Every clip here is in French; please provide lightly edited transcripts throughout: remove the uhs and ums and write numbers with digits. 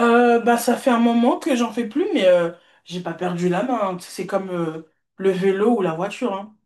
Bah, ça fait un moment que j'en fais plus, mais j'ai pas perdu la main, hein. C'est comme le vélo ou la voiture, hein.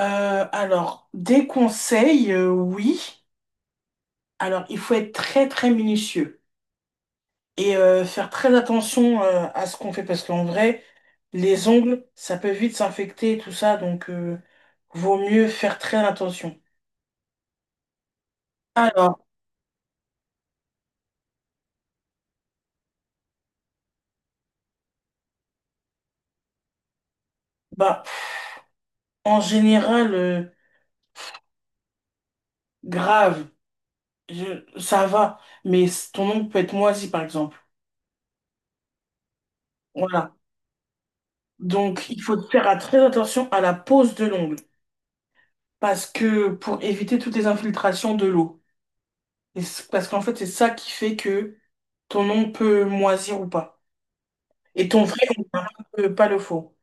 Alors, des conseils, oui. Alors, il faut être très très minutieux et faire très attention à ce qu'on fait, parce qu'en vrai, les ongles, ça peut vite s'infecter, tout ça, donc vaut mieux faire très attention. Alors, bah, en général, grave, ça va, mais ton ongle peut être moisi, par exemple. Voilà. Donc, il faut faire très attention à la pose de l'ongle, parce que pour éviter toutes les infiltrations de l'eau. Parce qu'en fait, c'est ça qui fait que ton ongle peut moisir ou pas. Et ton vrai ongle, pas le faux.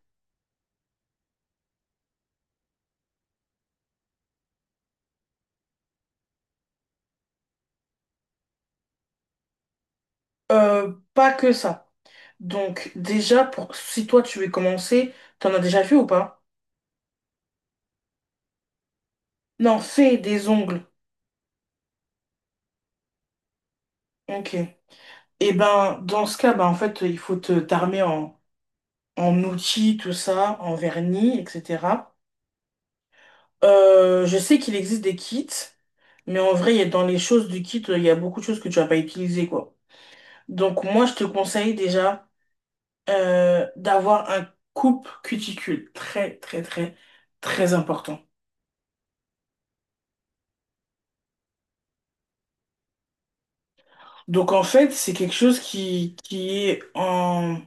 Pas que ça. Donc, déjà, pour si toi tu veux commencer, t'en as déjà vu ou pas? Non, fais des ongles. Ok. Et ben, dans ce cas, ben, en fait, il faut te t'armer en outils, tout ça, en vernis, etc. Je sais qu'il existe des kits. Mais en vrai, dans les choses du kit, il y a beaucoup de choses que tu vas pas utiliser, quoi. Donc moi, je te conseille déjà d'avoir un coupe cuticule. Très, très, très, très important. Donc en fait, c'est quelque chose qui est en.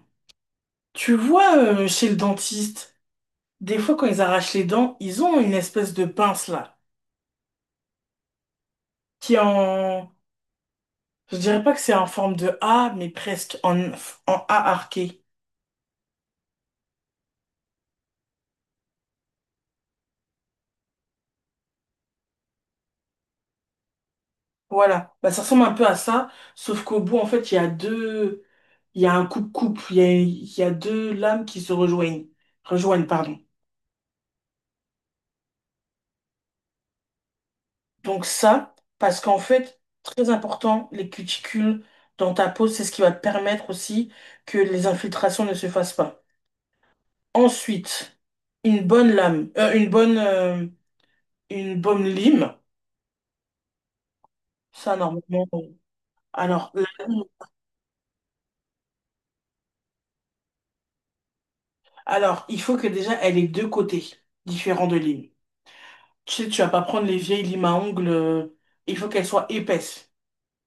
Tu vois, chez le dentiste, des fois quand ils arrachent les dents, ils ont une espèce de pince là, qui est en. Je dirais pas que c'est en forme de A, mais presque en A arqué. Voilà, bah, ça ressemble un peu à ça, sauf qu'au bout, en fait, il y a un couple-couple, il y a deux lames qui se rejoignent, rejoignent, pardon. Donc ça, parce qu'en fait, très important, les cuticules dans ta peau, c'est ce qui va te permettre aussi que les infiltrations ne se fassent pas. Ensuite, une bonne lame, une bonne lime, ça normalement. Alors, la lime- alors, il faut que déjà, elle ait deux côtés différents de lime. Tu sais, tu vas pas prendre les vieilles limes à ongles, il faut qu'elles soient épaisses.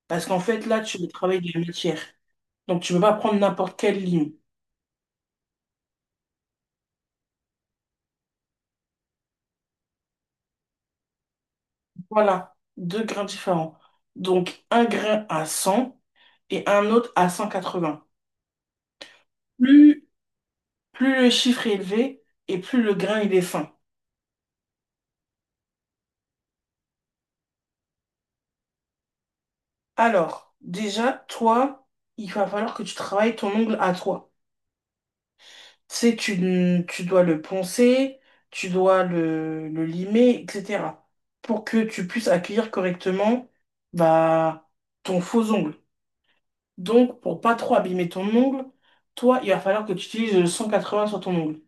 Parce qu'en fait, là, tu veux travailler de la matière. Donc, tu ne peux pas prendre n'importe quelle lime. Voilà, deux grains différents. Donc, un grain à 100 et un autre à 180. Plus, plus le chiffre est élevé et plus le grain il est fin. Alors, déjà, toi, il va falloir que tu travailles ton ongle à toi. Tu dois le poncer, tu dois le limer, etc. Pour que tu puisses accueillir correctement, bah, ton faux ongle. Donc, pour pas trop abîmer ton ongle, toi, il va falloir que tu utilises le 180 sur ton ongle.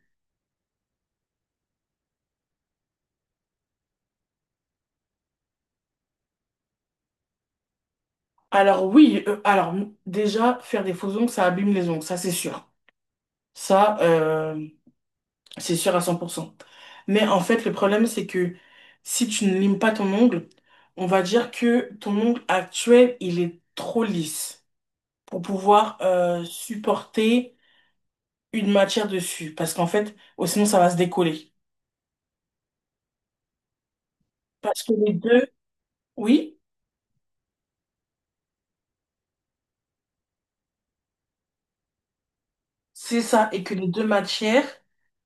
Alors oui, déjà, faire des faux ongles, ça abîme les ongles, ça c'est sûr. Ça, euh, C'est sûr à 100%. Mais en fait, le problème, c'est que si tu ne limes pas ton ongle, on va dire que ton ongle actuel, il est trop lisse pour pouvoir supporter une matière dessus. Parce qu'en fait, oh, sinon, ça va se décoller. Parce que les deux, oui, c'est ça. Et que les deux matières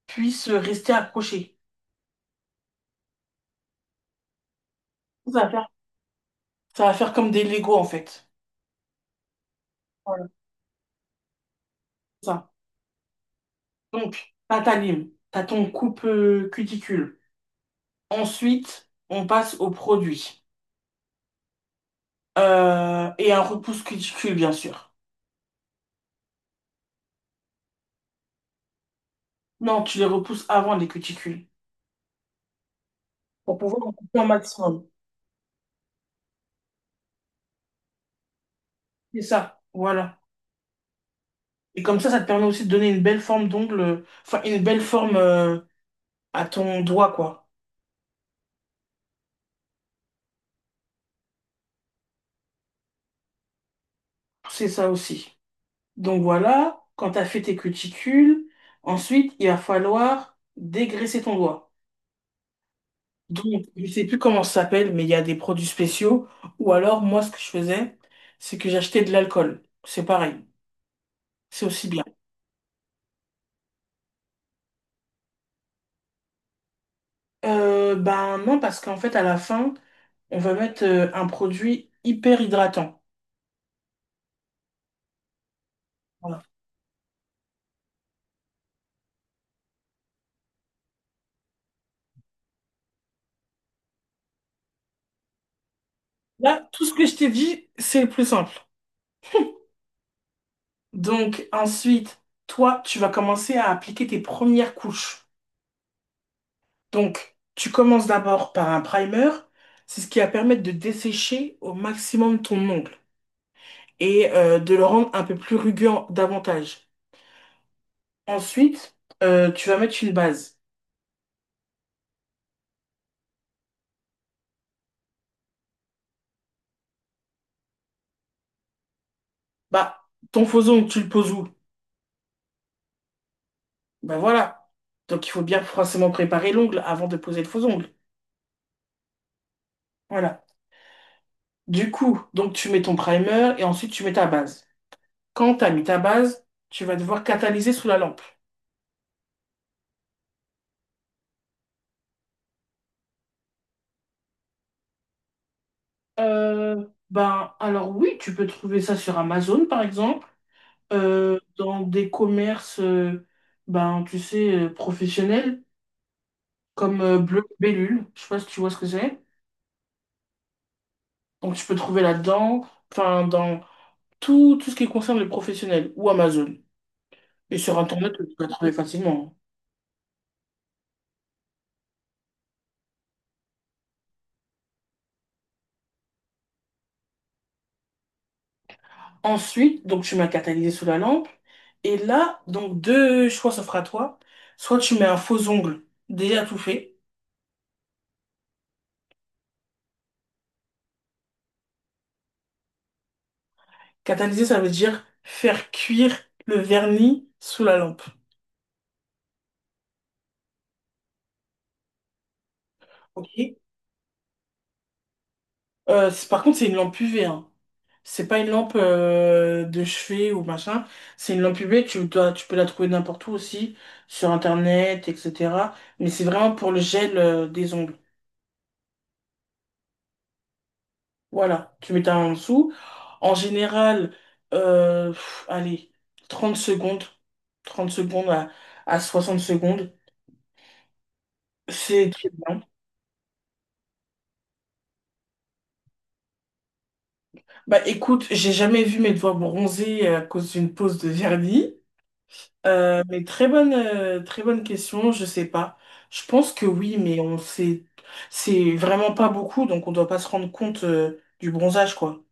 puissent rester accrochées. Ça va faire, Ça va faire comme des Legos, en fait. Voilà, c'est ça. Donc, t'as ta lime, t'as ton coupe, cuticule. Ensuite, on passe au produit. Et un repousse cuticule, bien sûr. Non, tu les repousses avant les cuticules pour pouvoir en couper un maximum. C'est ça, voilà. Et comme ça te permet aussi de donner une belle forme d'ongle, enfin une belle forme à ton doigt, quoi. C'est ça aussi. Donc voilà, quand tu as fait tes cuticules, ensuite, il va falloir dégraisser ton doigt. Donc, je sais plus comment ça s'appelle, mais il y a des produits spéciaux. Ou alors, moi, ce que je faisais, c'est que j'achetais de l'alcool. C'est pareil. C'est aussi bien. Ben non, parce qu'en fait, à la fin, on va mettre un produit hyper hydratant. Voilà. Là, tout ce que je t'ai dit, c'est le plus simple. Donc, ensuite, toi, tu vas commencer à appliquer tes premières couches. Donc, tu commences d'abord par un primer. C'est ce qui va permettre de dessécher au maximum ton ongle et de le rendre un peu plus rugueux davantage. Ensuite, tu vas mettre une base. Bah, ton faux ongle, tu le poses où? Ben voilà. Donc il faut bien forcément préparer l'ongle avant de poser le faux ongle. Voilà. Du coup, donc tu mets ton primer et ensuite tu mets ta base. Quand tu as mis ta base, tu vas devoir catalyser sous la lampe. Ben alors oui, tu peux trouver ça sur Amazon par exemple, dans des commerces, ben tu sais, professionnels, comme Bleu Bellule, je sais pas si tu vois ce que c'est. Donc tu peux trouver là-dedans, enfin dans tout ce qui concerne les professionnels ou Amazon. Et sur Internet, tu peux la trouver facilement. Ensuite, donc tu mets un catalyseur sous la lampe. Et là, donc deux choix s'offrent à toi. Soit tu mets un faux ongle déjà tout fait. Catalyser, ça veut dire faire cuire le vernis sous la lampe. Ok. Par contre, c'est une lampe UV, hein. C'est pas une lampe de chevet ou machin. C'est une lampe UV. Tu peux la trouver n'importe où aussi, sur Internet, etc. Mais c'est vraiment pour le gel, des ongles. Voilà, tu mets ta main en dessous. En général, allez, 30 secondes, 30 secondes à 60 secondes, c'est très bien. Bah écoute, j'ai jamais vu mes doigts bronzer à cause d'une pose de vernis. Mais très bonne question, je sais pas. Je pense que oui, mais on sait, c'est vraiment pas beaucoup, donc on doit pas se rendre compte, du bronzage, quoi.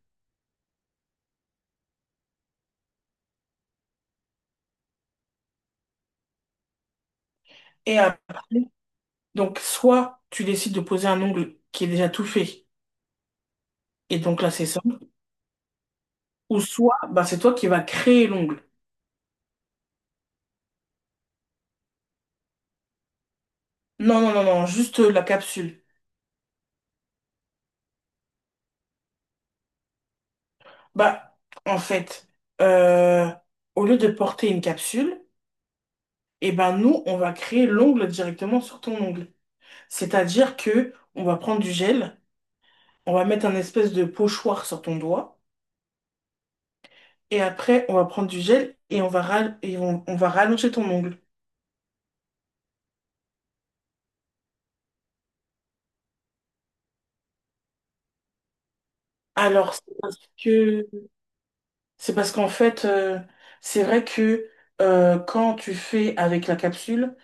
Et après, donc soit tu décides de poser un ongle qui est déjà tout fait, et donc là c'est ça. Ou soit, bah, c'est toi qui vas créer l'ongle. Non, non, non, non, juste la capsule. Bah, en fait, euh, au lieu de porter une capsule, eh ben nous, on va créer l'ongle directement sur ton ongle. C'est-à-dire que on va prendre du gel, on va mettre un espèce de pochoir sur ton doigt, et après, on va prendre du gel et on va rallonger ton ongle. Alors, que c'est parce qu'en fait, c'est vrai que quand tu fais avec la capsule,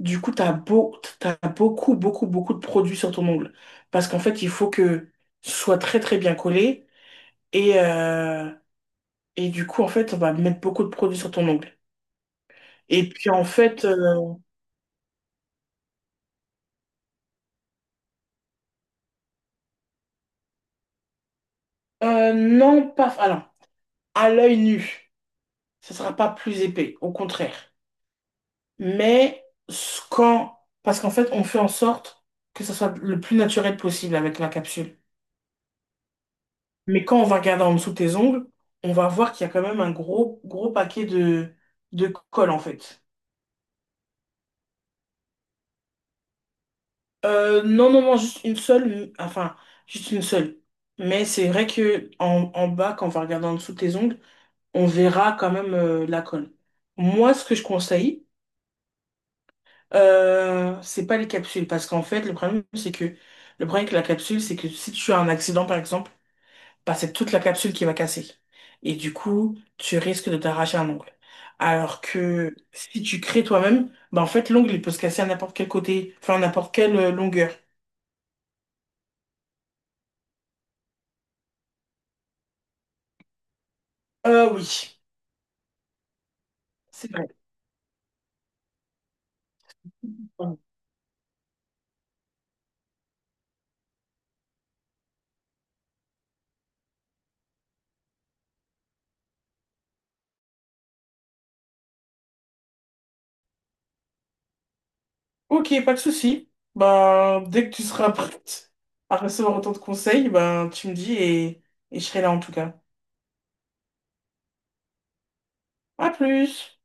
du coup, t'as beaucoup, beaucoup, beaucoup de produits sur ton ongle. Parce qu'en fait, il faut que ce soit très, très bien collé. Et, euh, et du coup, en fait, on va mettre beaucoup de produits sur ton ongle. Et puis, en fait, non, pas, alors, à l'œil nu, ce sera pas plus épais, au contraire. Parce qu'en fait, on fait en sorte que ça soit le plus naturel possible avec la capsule. Mais quand on va regarder en dessous de tes ongles, on va voir qu'il y a quand même un gros, gros paquet de colle, en fait. Non, non, non, juste une seule, enfin, juste une seule. Mais c'est vrai que en bas, quand on va regarder en dessous de tes ongles, on verra quand même la colle. Moi, ce que je conseille, c'est pas les capsules, parce qu'en fait, le problème avec la capsule, c'est que si tu as un accident, par exemple, bah, c'est toute la capsule qui va casser. Et du coup, tu risques de t'arracher un ongle. Alors que si tu crées toi-même, bah, en fait, l'ongle, il peut se casser à n'importe quel côté, enfin, à n'importe quelle longueur. Ah oui, c'est vrai. Ok, pas de souci. Bah, dès que tu seras prête à recevoir autant de conseils, ben tu me dis, et je serai là en tout cas. À plus!